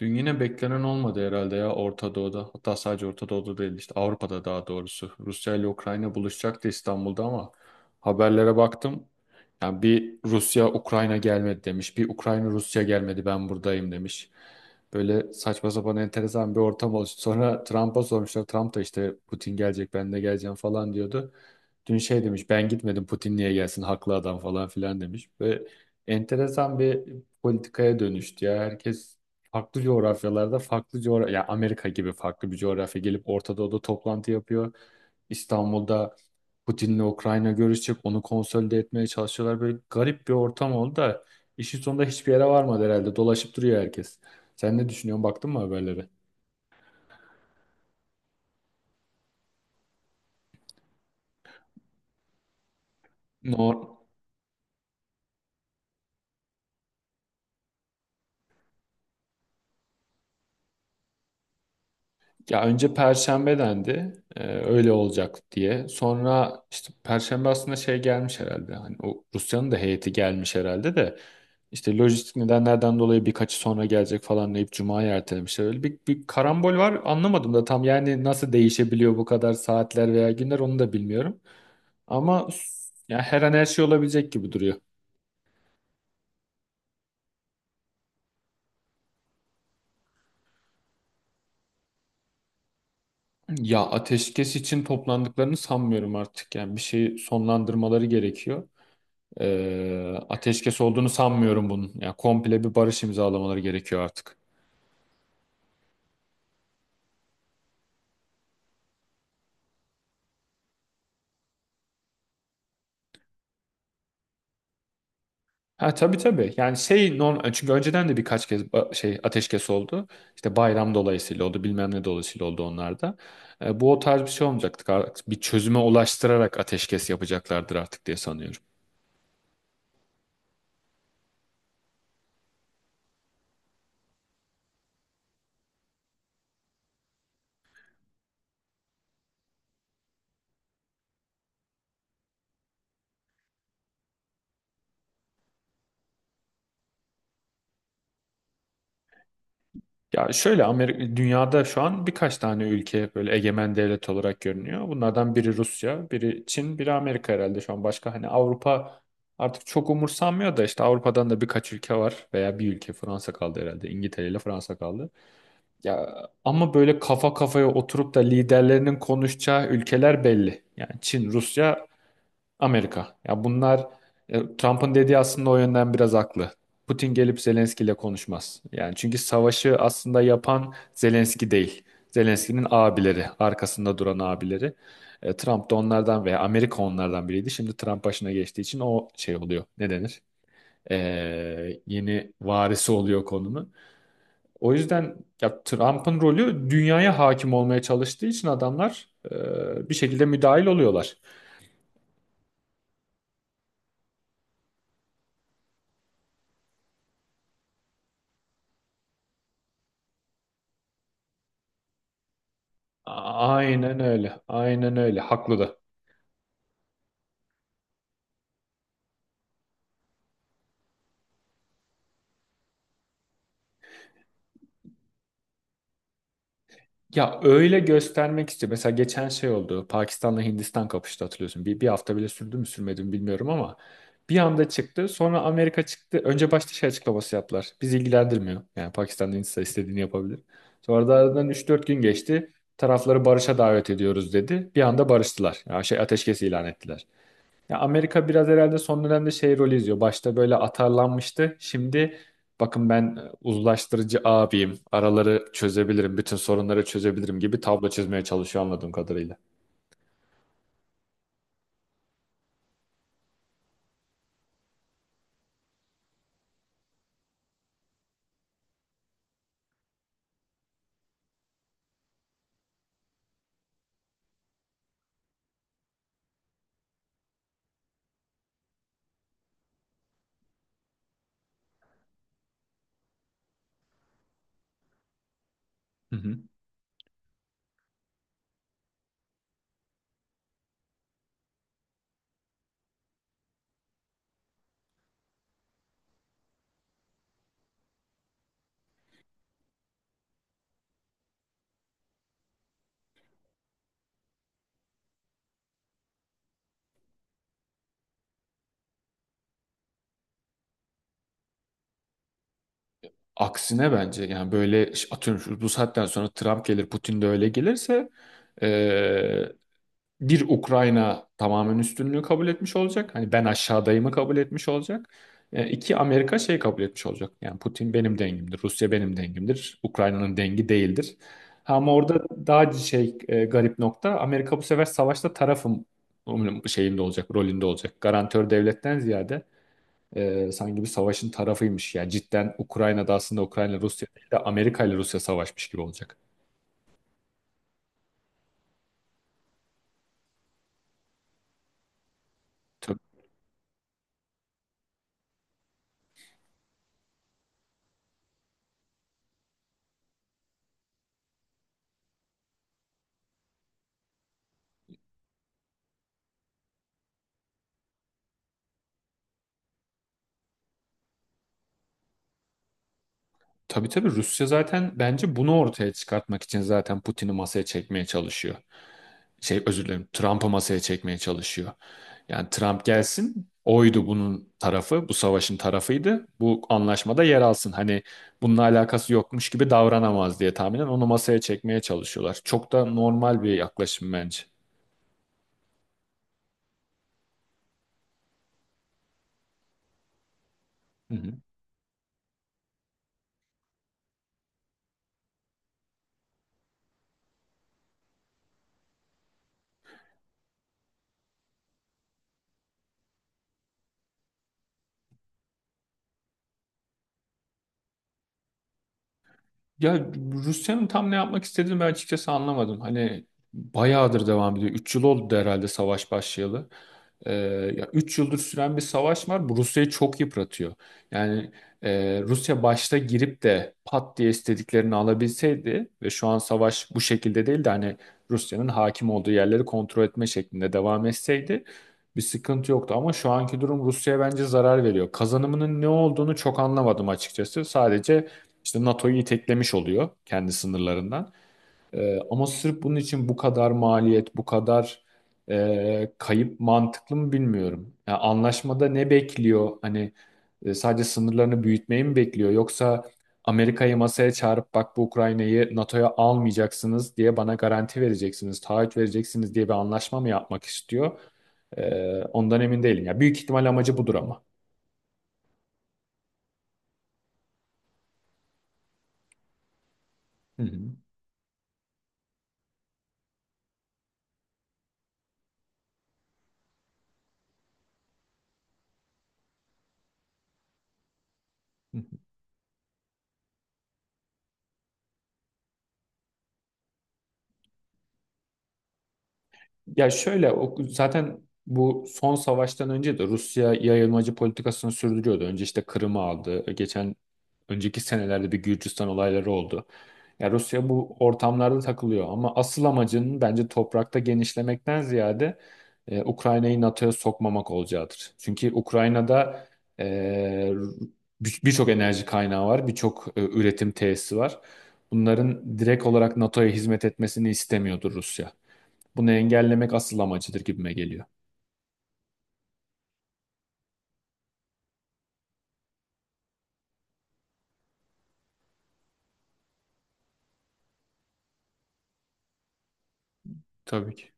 Dün yine beklenen olmadı herhalde ya Orta Doğu'da. Hatta sadece Orta Doğu'da değil işte Avrupa'da daha doğrusu. Rusya ile Ukrayna buluşacaktı İstanbul'da ama haberlere baktım. Yani bir Rusya Ukrayna gelmedi demiş. Bir Ukrayna Rusya gelmedi ben buradayım demiş. Böyle saçma sapan enteresan bir ortam oluştu. Sonra Trump'a sormuşlar. Trump da işte Putin gelecek ben de geleceğim falan diyordu. Dün şey demiş ben gitmedim Putin niye gelsin haklı adam falan filan demiş. Ve enteresan bir politikaya dönüştü ya. Herkes farklı coğrafyalarda farklı coğrafya ya Amerika gibi farklı bir coğrafya gelip Orta Doğu'da toplantı yapıyor. İstanbul'da Putin'le Ukrayna görüşecek. Onu konsolide etmeye çalışıyorlar. Böyle garip bir ortam oldu da işin sonunda hiçbir yere varmadı herhalde. Dolaşıp duruyor herkes. Sen ne düşünüyorsun? Baktın mı haberlere? No. Ya önce Perşembe dendi. Öyle olacak diye. Sonra işte Perşembe aslında şey gelmiş herhalde. Hani o Rusya'nın da heyeti gelmiş herhalde de. İşte lojistik nedenlerden dolayı birkaçı sonra gelecek falan deyip Cuma'ya ertelemişler. Öyle bir karambol var anlamadım da tam yani nasıl değişebiliyor bu kadar saatler veya günler onu da bilmiyorum. Ama yani her an her şey olabilecek gibi duruyor. Ya ateşkes için toplandıklarını sanmıyorum artık. Yani bir şeyi sonlandırmaları gerekiyor. Ateşkes olduğunu sanmıyorum bunun. Yani komple bir barış imzalamaları gerekiyor artık. Ha tabii tabii. Yani şey non çünkü önceden de birkaç kez şey ateşkes oldu. İşte bayram dolayısıyla oldu, bilmem ne dolayısıyla oldu onlar da. Bu o tarz bir şey olmayacaktı. Artık bir çözüme ulaştırarak ateşkes yapacaklardır artık diye sanıyorum. Ya şöyle Amerika, dünyada şu an birkaç tane ülke böyle egemen devlet olarak görünüyor. Bunlardan biri Rusya, biri Çin, biri Amerika herhalde şu an. Başka hani Avrupa artık çok umursanmıyor da işte Avrupa'dan da birkaç ülke var veya bir ülke Fransa kaldı herhalde. İngiltere ile Fransa kaldı. Ya ama böyle kafa kafaya oturup da liderlerinin konuşacağı ülkeler belli. Yani Çin, Rusya Amerika. Ya bunlar Trump'ın dediği aslında o yönden biraz haklı. Putin gelip Zelenski ile konuşmaz. Yani çünkü savaşı aslında yapan Zelenski değil. Zelenski'nin abileri, arkasında duran abileri. Trump da onlardan veya Amerika onlardan biriydi. Şimdi Trump başına geçtiği için o şey oluyor. Ne denir? E, Yeni varisi oluyor konunun. O yüzden ya Trump'ın rolü dünyaya hakim olmaya çalıştığı için adamlar bir şekilde müdahil oluyorlar. Aynen öyle. Aynen öyle. Haklı da. Ya öyle göstermek istiyor. Mesela geçen şey oldu. Pakistan'la Hindistan kapıştı hatırlıyorsun. Bir hafta bile sürdü mü sürmedi mi bilmiyorum ama bir anda çıktı. Sonra Amerika çıktı. Önce başta şey açıklaması yaptılar. Bizi ilgilendirmiyor. Yani Pakistan'da Hindistan istediğini yapabilir. Sonra da aradan üç dört gün geçti. Tarafları barışa davet ediyoruz dedi. Bir anda barıştılar. Yani şey ateşkes ilan ettiler. Ya Amerika biraz herhalde son dönemde şey rolü izliyor. Başta böyle atarlanmıştı. Şimdi bakın ben uzlaştırıcı abiyim. Araları çözebilirim, bütün sorunları çözebilirim gibi tablo çizmeye çalışıyor anladığım kadarıyla. Hı hı. Aksine bence yani böyle bu saatten sonra Trump gelir, Putin de öyle gelirse bir Ukrayna tamamen üstünlüğü kabul etmiş olacak. Hani ben aşağıdayımı kabul etmiş olacak. İki Amerika şey kabul etmiş olacak. Yani Putin benim dengimdir, Rusya benim dengimdir, Ukrayna'nın dengi değildir. Ama orada daha şey garip nokta Amerika bu sefer savaşta tarafım şeyinde olacak, rolünde olacak. Garantör devletten ziyade sanki bir savaşın tarafıymış. Yani cidden Ukrayna'da aslında Ukrayna Rusya değil de Amerika ile Rusya savaşmış gibi olacak. Tabii tabii Rusya zaten bence bunu ortaya çıkartmak için zaten Putin'i masaya çekmeye çalışıyor. Şey özür dilerim Trump'ı masaya çekmeye çalışıyor. Yani Trump gelsin oydu bunun tarafı bu savaşın tarafıydı bu anlaşmada yer alsın. Hani bununla alakası yokmuş gibi davranamaz diye tahminen onu masaya çekmeye çalışıyorlar. Çok da normal bir yaklaşım bence. Hı hı. Ya Rusya'nın tam ne yapmak istediğini ben açıkçası anlamadım. Hani bayağıdır devam ediyor. 3 yıl oldu herhalde savaş başlayalı. Ee, Ya 3 yıldır süren bir savaş var. Bu Rusya'yı çok yıpratıyor. Yani Rusya başta girip de pat diye istediklerini alabilseydi ve şu an savaş bu şekilde değil de hani Rusya'nın hakim olduğu yerleri kontrol etme şeklinde devam etseydi bir sıkıntı yoktu. Ama şu anki durum Rusya'ya bence zarar veriyor. Kazanımının ne olduğunu çok anlamadım açıkçası. Sadece işte NATO'yu iteklemiş oluyor kendi sınırlarından. Ama sırf bunun için bu kadar maliyet, bu kadar kayıp mantıklı mı bilmiyorum. Yani anlaşmada ne bekliyor? Hani sadece sınırlarını büyütmeyi mi bekliyor? Yoksa Amerika'yı masaya çağırıp bak bu Ukrayna'yı NATO'ya almayacaksınız diye bana garanti vereceksiniz, taahhüt vereceksiniz diye bir anlaşma mı yapmak istiyor? Ondan emin değilim. Ya büyük ihtimal amacı budur ama. Hı hı. Ya şöyle o, zaten bu son savaştan önce de Rusya yayılmacı politikasını sürdürüyordu. Önce işte Kırım'ı aldı. Geçen önceki senelerde bir Gürcistan olayları oldu. Ya Rusya bu ortamlarda takılıyor ama asıl amacının bence toprakta genişlemekten ziyade Ukrayna'yı NATO'ya sokmamak olacaktır. Çünkü Ukrayna'da e, birçok enerji kaynağı var, birçok üretim tesisi var. Bunların direkt olarak NATO'ya hizmet etmesini istemiyordur Rusya. Bunu engellemek asıl amacıdır gibime geliyor. Tabii ki.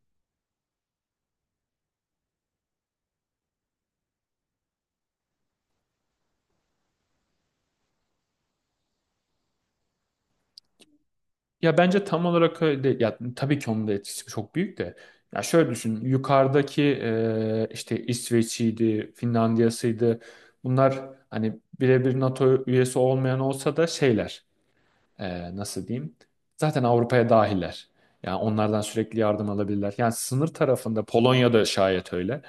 Ya bence tam olarak öyle. Ya tabii ki onun da etkisi çok büyük de. Ya şöyle düşün. Yukarıdaki işte İsveç'iydi, Finlandiya'sıydı. Bunlar hani birebir NATO üyesi olmayan olsa da şeyler. Nasıl diyeyim, zaten Avrupa'ya dahiller. Yani onlardan sürekli yardım alabilirler. Yani sınır tarafında Polonya'da şayet öyle.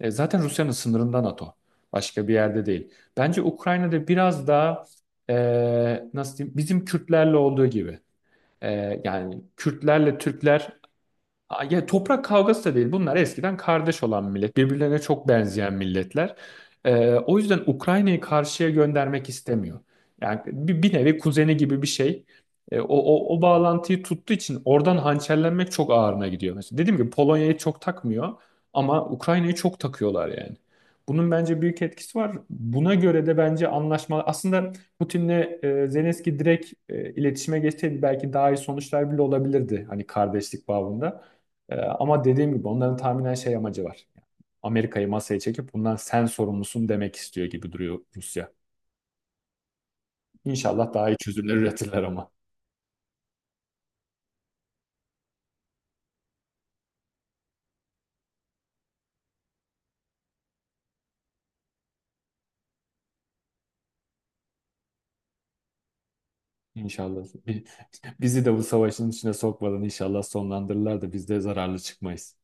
Zaten Rusya'nın sınırında NATO. Başka bir yerde değil. Bence Ukrayna'da biraz daha e, nasıl diyeyim bizim Kürtlerle olduğu gibi. Yani Kürtlerle Türkler. Aa, ya toprak kavgası da değil. Bunlar eskiden kardeş olan millet. Birbirlerine çok benzeyen milletler. O yüzden Ukrayna'yı karşıya göndermek istemiyor. Yani bir nevi kuzeni gibi bir şey. O bağlantıyı tuttuğu için oradan hançerlenmek çok ağırına gidiyor. Mesela dediğim gibi Polonya'yı çok takmıyor ama Ukrayna'yı çok takıyorlar yani. Bunun bence büyük etkisi var. Buna göre de bence anlaşma aslında Putin'le Zelenski direkt iletişime geçseydi belki daha iyi sonuçlar bile olabilirdi hani kardeşlik bağında. Ama dediğim gibi onların tahminen şey amacı var. Amerika'yı masaya çekip bundan sen sorumlusun demek istiyor gibi duruyor Rusya. İnşallah daha iyi çözümler üretirler ama. İnşallah. Bizi de bu savaşın içine sokmadan inşallah sonlandırırlar da biz de zararlı çıkmayız.